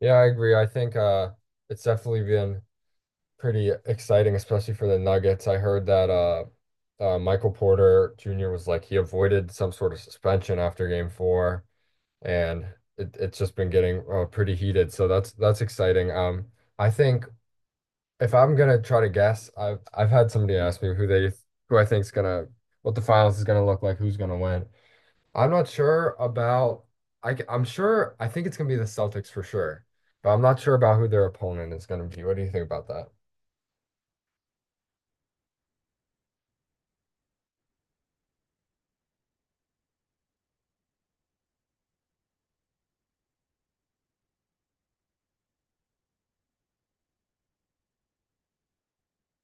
Yeah, I agree. I think it's definitely been pretty exciting, especially for the Nuggets. I heard that Michael Porter Jr. was like he avoided some sort of suspension after game four, and it's just been getting pretty heated. So that's exciting. I think if I'm gonna try to guess, I've had somebody ask me who they who I think's gonna what the finals is gonna look like, who's gonna win. I'm not sure about I am sure I think it's gonna be the Celtics for sure, but I'm not sure about who their opponent is gonna be. What do you think about that?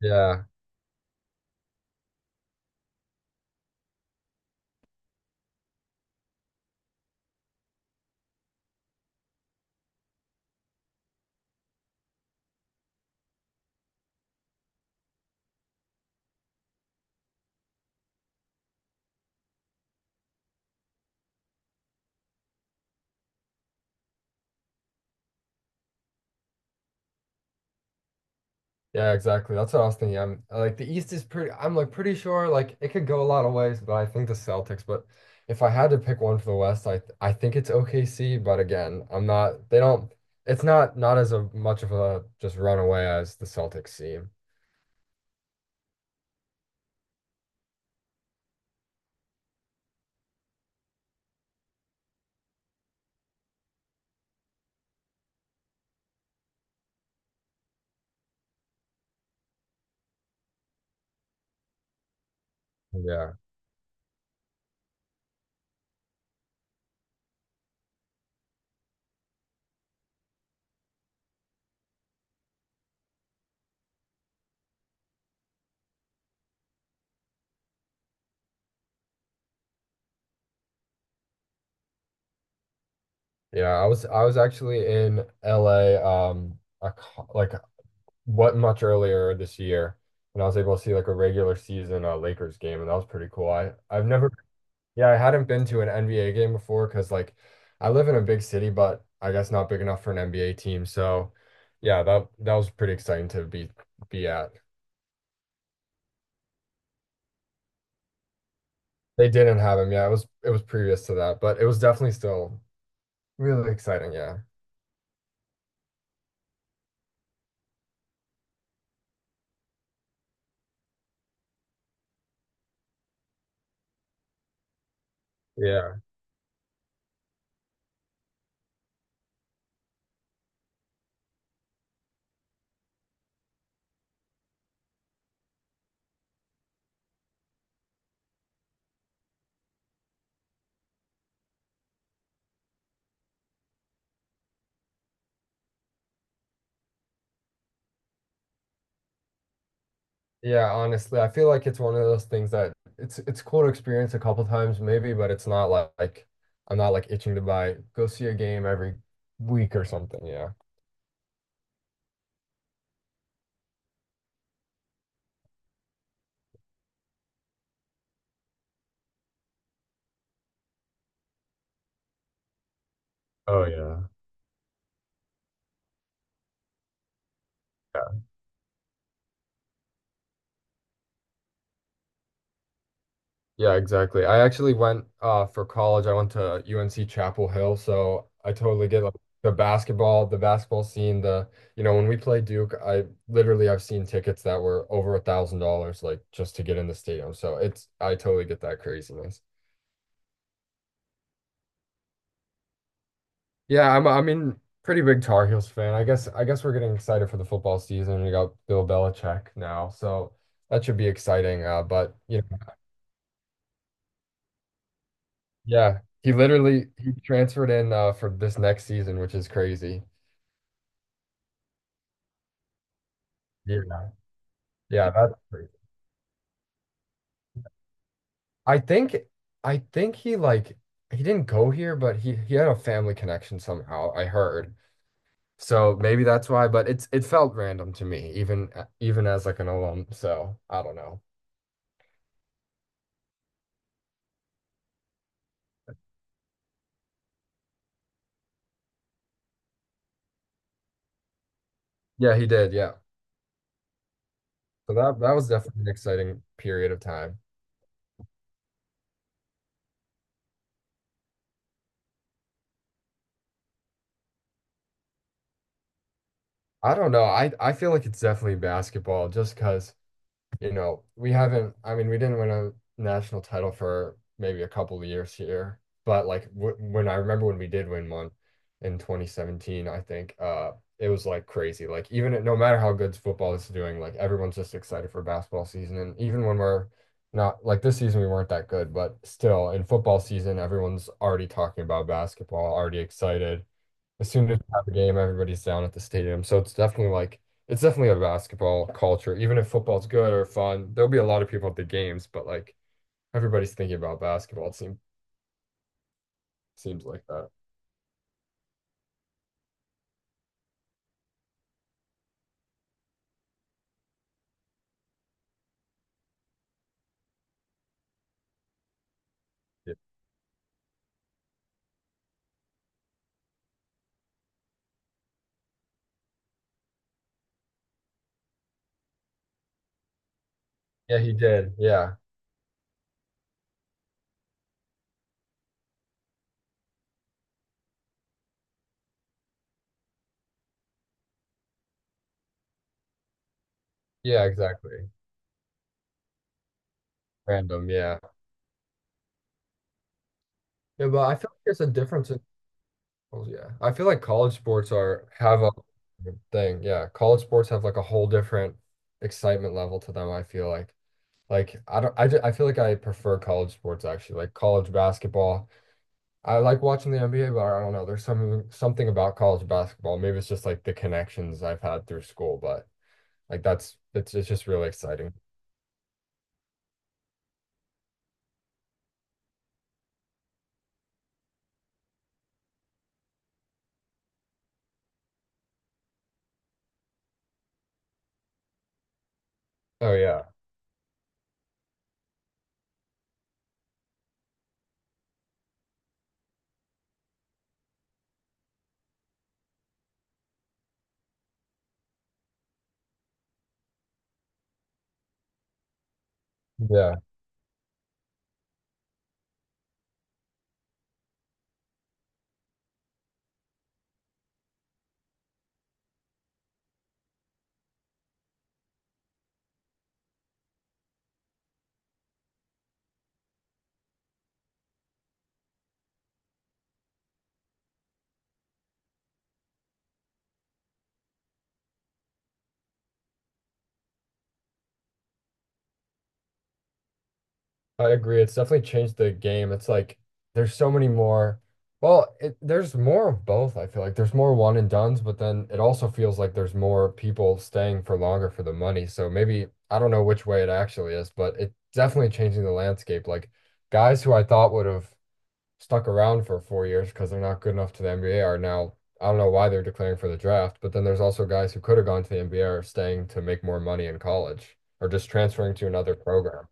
Yeah, yeah, exactly. That's what I was thinking. I'm like the East is pretty. I'm like pretty sure like it could go a lot of ways, but I think the Celtics. But if I had to pick one for the West, I think it's OKC. But again, I'm not. They don't. It's not as a, much of a just runaway as the Celtics seem. Yeah. Yeah, I was actually in LA like what much earlier this year, and I was able to see like a regular season Lakers game, and that was pretty cool. I've never, yeah, I hadn't been to an NBA game before because like I live in a big city, but I guess not big enough for an NBA team. So yeah, that was pretty exciting to be at. They didn't have him. Yeah, it was previous to that, but it was definitely still really exciting. Yeah. Yeah. Yeah, honestly, I feel like it's one of those things that it's cool to experience a couple times maybe, but it's not like, I'm not like itching to buy go see a game every week or something. Yeah. Oh yeah. Yeah, yeah, exactly. I actually went for college. I went to UNC Chapel Hill, so I totally get like the basketball scene, the you know, when we play Duke, I literally I've seen tickets that were over $1,000 like just to get in the stadium. So it's I totally get that craziness. Yeah, I mean pretty big Tar Heels fan. I guess we're getting excited for the football season. We got Bill Belichick now, so that should be exciting. But you know, yeah, he transferred in for this next season, which is crazy. Yeah, yeah, that's crazy. I think I think he like he didn't go here, but he had a family connection somehow, I heard. So maybe that's why, but it's it felt random to me, even as like an alum. So I don't know. Yeah, he did. Yeah. So that was definitely an exciting period of time. I don't know. I feel like it's definitely basketball just because, you know, we haven't I mean, we didn't win a national title for maybe a couple of years here, but like w when I remember when we did win one in 2017, I think it was like crazy. Like no matter how good football is doing, like everyone's just excited for basketball season and even when we're not like this season we weren't that good, but still in football season everyone's already talking about basketball, already excited. As soon as we have a game, everybody's down at the stadium. So it's definitely like it's definitely a basketball culture. Even if football's good or fun, there'll be a lot of people at the games, but like everybody's thinking about basketball. It seems like that. Yeah. Yeah, he did. Yeah. Yeah, exactly. Random, yeah. Yeah, but I feel like there's a difference in oh, yeah. I feel like college sports are have a thing. Yeah. College sports have like a whole different excitement level to them, I feel like. Like I don't I, ju- I feel like I prefer college sports actually. Like college basketball I like watching the NBA, but I don't know. There's something about college basketball. Maybe it's just like the connections I've had through school, but like that's it's just really exciting. Oh yeah. Yeah, I agree. It's definitely changed the game. It's like there's so many more. Well, it, there's more of both, I feel like. There's more one and dones, but then it also feels like there's more people staying for longer for the money. So maybe I don't know which way it actually is, but it's definitely changing the landscape. Like guys who I thought would have stuck around for 4 years because they're not good enough to the NBA are now. I don't know why they're declaring for the draft, but then there's also guys who could have gone to the NBA are staying to make more money in college or just transferring to another program.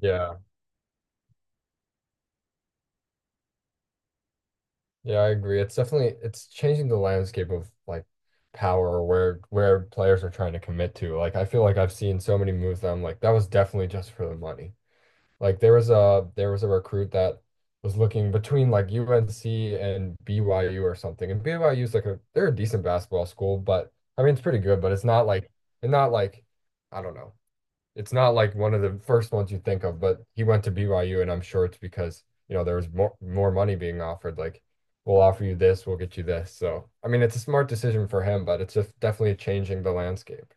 Yeah, yeah, I agree. It's definitely it's changing the landscape of like power or where players are trying to commit to. Like I feel like I've seen so many moves that I'm like, that was definitely just for the money. Like there was a recruit that was looking between like UNC and BYU or something. And BYU is like a they're a decent basketball school, but I mean it's pretty good, but it's not like I don't know. It's not like one of the first ones you think of, but he went to BYU and I'm sure it's because, you know, there was more money being offered. Like, we'll offer you this, we'll get you this. So, I mean, it's a smart decision for him, but it's just definitely changing the landscape.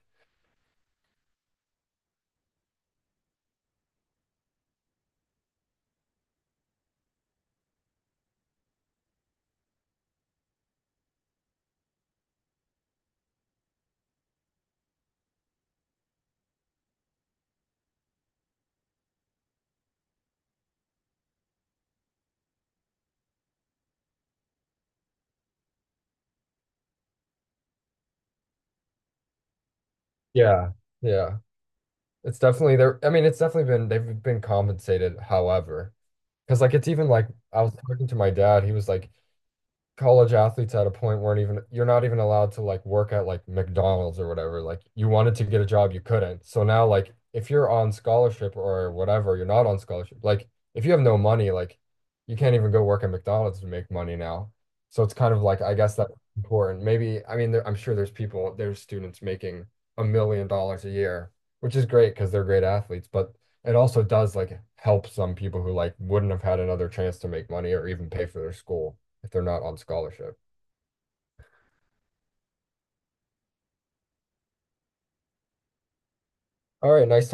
Yeah. Yeah. It's definitely there. I mean, it's definitely been they've been compensated, however, because like it's even like I was talking to my dad, he was like, college athletes at a point weren't even you're not even allowed to like work at like McDonald's or whatever. Like you wanted to get a job, you couldn't. So now like if you're on scholarship or whatever, you're not on scholarship. Like if you have no money, like you can't even go work at McDonald's to make money now. So it's kind of like I guess that's important. Maybe I mean I'm sure there's people there's students making $1 million a year, which is great because they're great athletes, but it also does like help some people who like wouldn't have had another chance to make money or even pay for their school if they're not on scholarship. All right, nice